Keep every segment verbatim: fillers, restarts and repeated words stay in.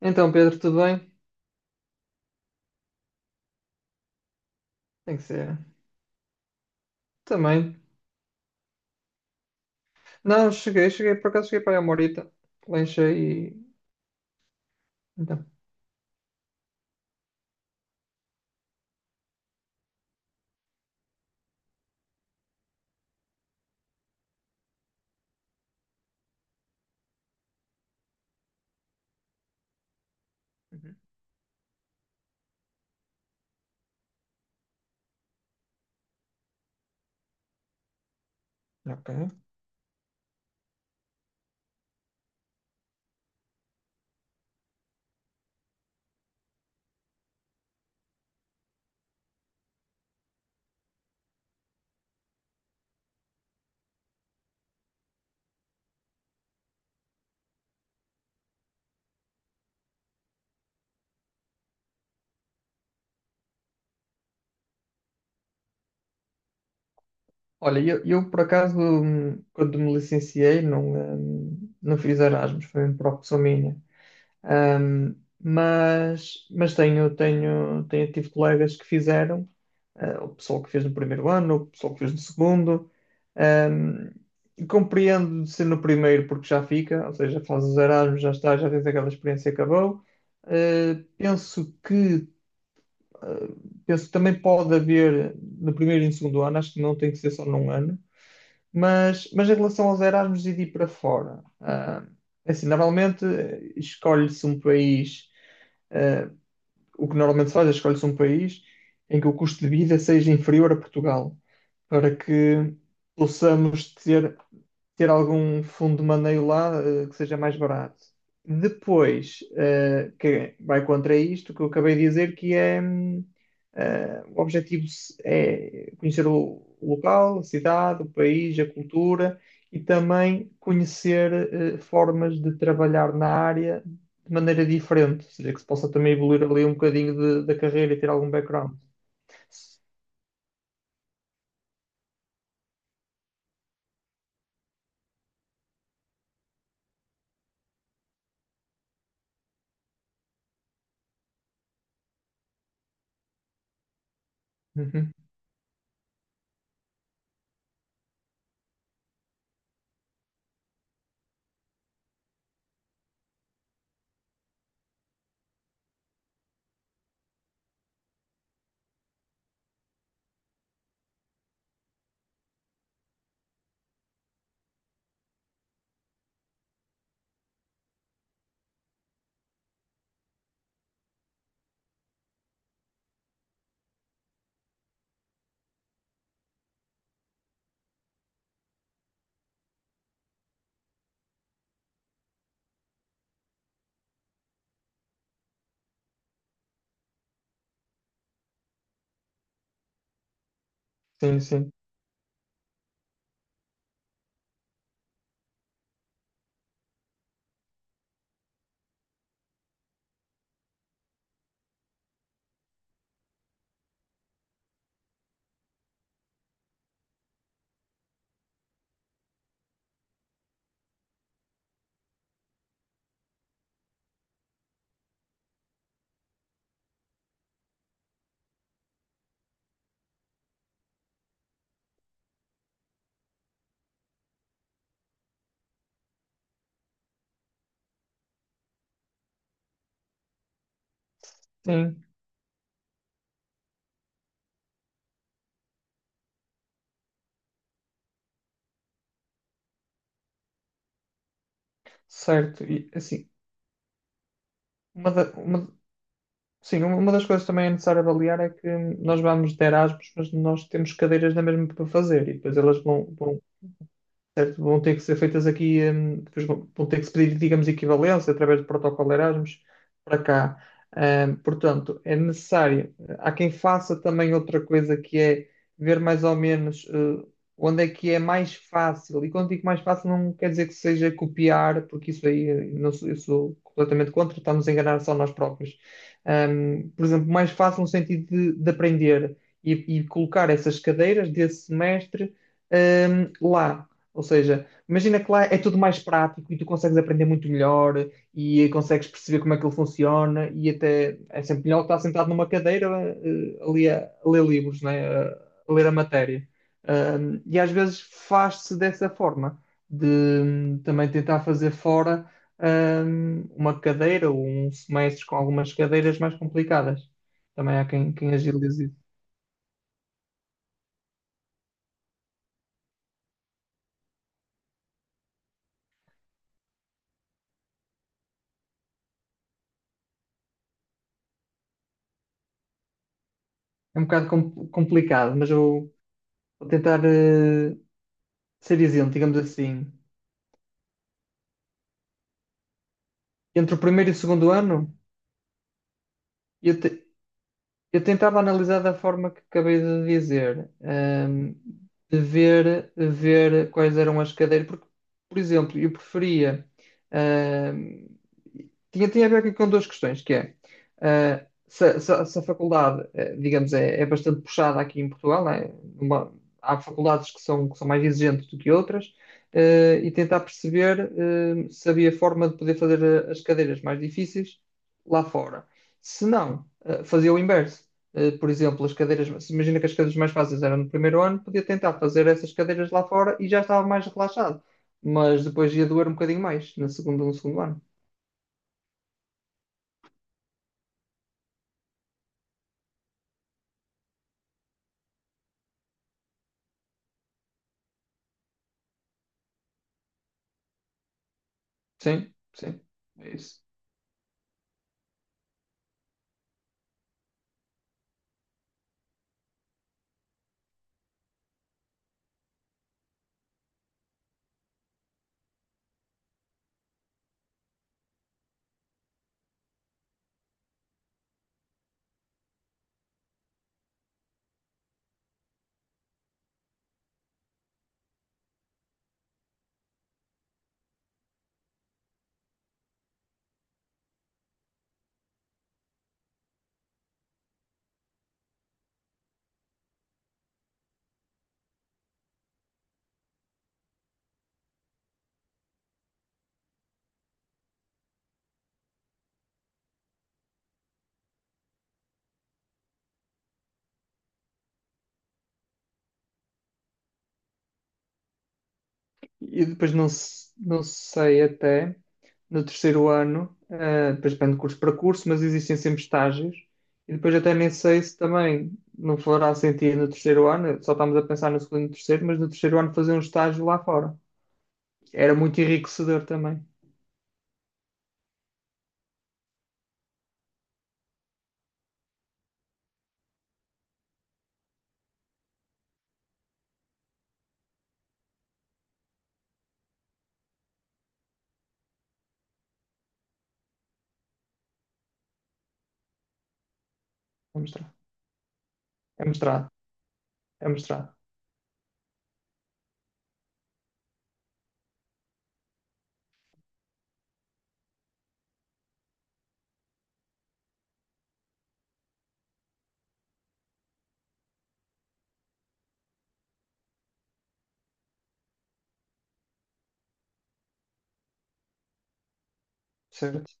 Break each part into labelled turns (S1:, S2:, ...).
S1: Então, Pedro, tudo bem? Tem que ser. Também. Não, cheguei, cheguei, por acaso cheguei para aí a Morita. Lanchei e. Então. Uhum. Ok. Olha, eu, eu, por acaso, hum, quando me licenciei, não, hum, não fiz Erasmus, foi uma opção minha. Ahm, mas mas tenho, tenho, tenho, tive colegas que fizeram, ah, o pessoal que fez no primeiro ano, o pessoal que fez no segundo. Ahm, e compreendo de ser no primeiro porque já fica, ou seja, fazes os Erasmus, já está, já tens aquela experiência e acabou. Ah, penso que, ah, penso que também pode haver no primeiro e no segundo ano, acho que não tem que ser só num ano. Mas, mas em relação aos Erasmus e de ir para fora, ah, é assim, normalmente eh, escolhe-se um país, ah, o que normalmente se faz é escolhe-se um país em que o custo de vida seja inferior a Portugal, para que possamos ter, ter algum fundo de maneio lá, eh, que seja mais barato. Depois, eh, que vai contra isto que eu acabei de dizer, que é. hum, ah, o objetivo se- é conhecer o o local, a cidade, o país, a cultura e também conhecer eh, formas de trabalhar na área de maneira diferente, ou seja, que se possa também evoluir ali um bocadinho de- da carreira e ter algum background. Uhum. Sim, sim, sim, certo. E assim, uma, da- uma- sim, uma das coisas também é necessário avaliar é que nós vamos de Erasmus, mas nós temos cadeiras na mesma para fazer e depois elas vão, vão, certo? Vão ter que ser feitas aqui, hum, depois vão vão ter que se pedir, digamos, equivalência através do protocolo Erasmus para cá. Hum, portanto, é necessário. Há quem faça também outra coisa que é ver mais ou menos eh, onde é que é mais fácil. E quando digo mais fácil, não quer dizer que seja copiar, porque isso aí eh, não sou- eu sou completamente contra, estamos a enganar só nós próprios. Hum, por exemplo, mais fácil no sentido de, de aprender e, e colocar essas cadeiras desse semestre hum, lá. Ou seja, imagina que lá é tudo mais prático e tu consegues aprender muito melhor e consegues perceber como é que ele funciona e até é sempre melhor estar sentado numa cadeira eh, ali a, a ler livros, né? A, a ler a matéria. Um, e às vezes faz-se dessa forma, de hum, também tentar fazer fora hum, uma cadeira ou um semestre com algumas cadeiras mais complicadas. Também há quem, quem agilize isso. É um bocado com- complicado, mas eu vou tentar eh, ser isento, digamos assim, entre o primeiro e o segundo ano, eu, te- eu tentava analisar da forma que acabei de dizer, hum, de ver, de ver quais eram as cadeiras, porque, por exemplo, eu preferia. Hum, tinha, tinha a ver aqui com duas questões, que é ah, se, se- se a faculdade, eh, digamos, é, é bastante puxada aqui em Portugal, né? Uma- há faculdades que são, que são mais exigentes do que outras, eh, e tentar perceber eh, se havia forma de poder fazer eh, as cadeiras mais difíceis lá fora. Se não, eh, fazia o inverso. Eh, por exemplo, as cadeiras, se imagina que as cadeiras mais fáceis eram no primeiro ano, podia tentar fazer essas cadeiras lá fora e já estava mais relaxado. Mas depois ia doer um bocadinho mais na segunda, no segundo ano. Sim, sim, é isso. E depois não, se- não sei até no terceiro ano, eh, depois depende de curso para curso, mas existem sempre estágios. E depois até nem sei se também não fará sentido no terceiro ano, só estamos a pensar no segundo e no terceiro, mas no terceiro ano fazer um estágio lá fora. Era muito enriquecedor também. É mostrado. É mostrado. É mostrado. Certo?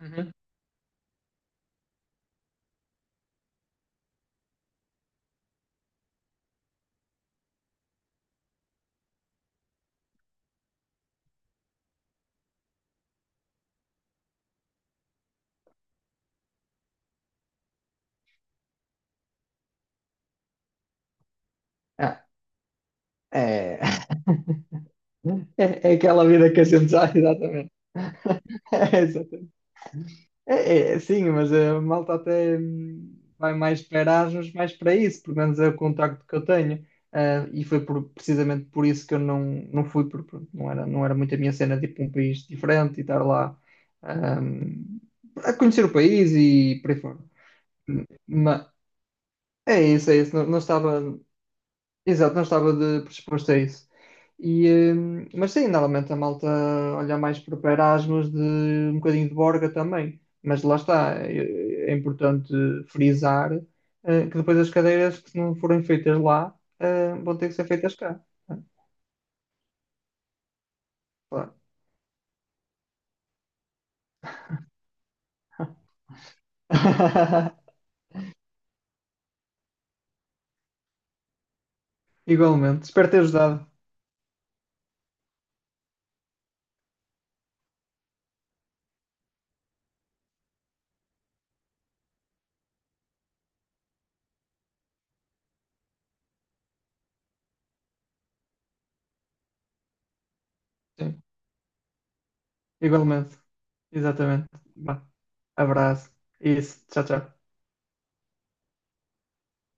S1: Uhum. Ah, é... é, é aquela vida que a gente já, exatamente. É, exatamente. É, é, sim, mas a malta até hum, vai mais para Erasmus, mais para isso, pelo menos é o contacto que eu tenho. Ah, e foi por- precisamente por isso que eu não, não fui, porque pronto, não era, não era muito a minha cena, tipo um país diferente e estar lá ah, a conhecer o país e por aí fora. Ma- É isso, é isso. Não, não estava, exato, não estava de predisposto a isso. E, hum, mas sim, normalmente a malta olha mais para o Erasmus, de um bocadinho de Borga também. Mas lá está, é, é importante frisar, eh, que depois as cadeiras que não forem feitas lá, eh, vão ter que ser feitas cá. Né? Claro. Igualmente. Espero ter ajudado. Sim, igualmente. Exatamente. Vá. Abraço. Isso. Tchau, tchau.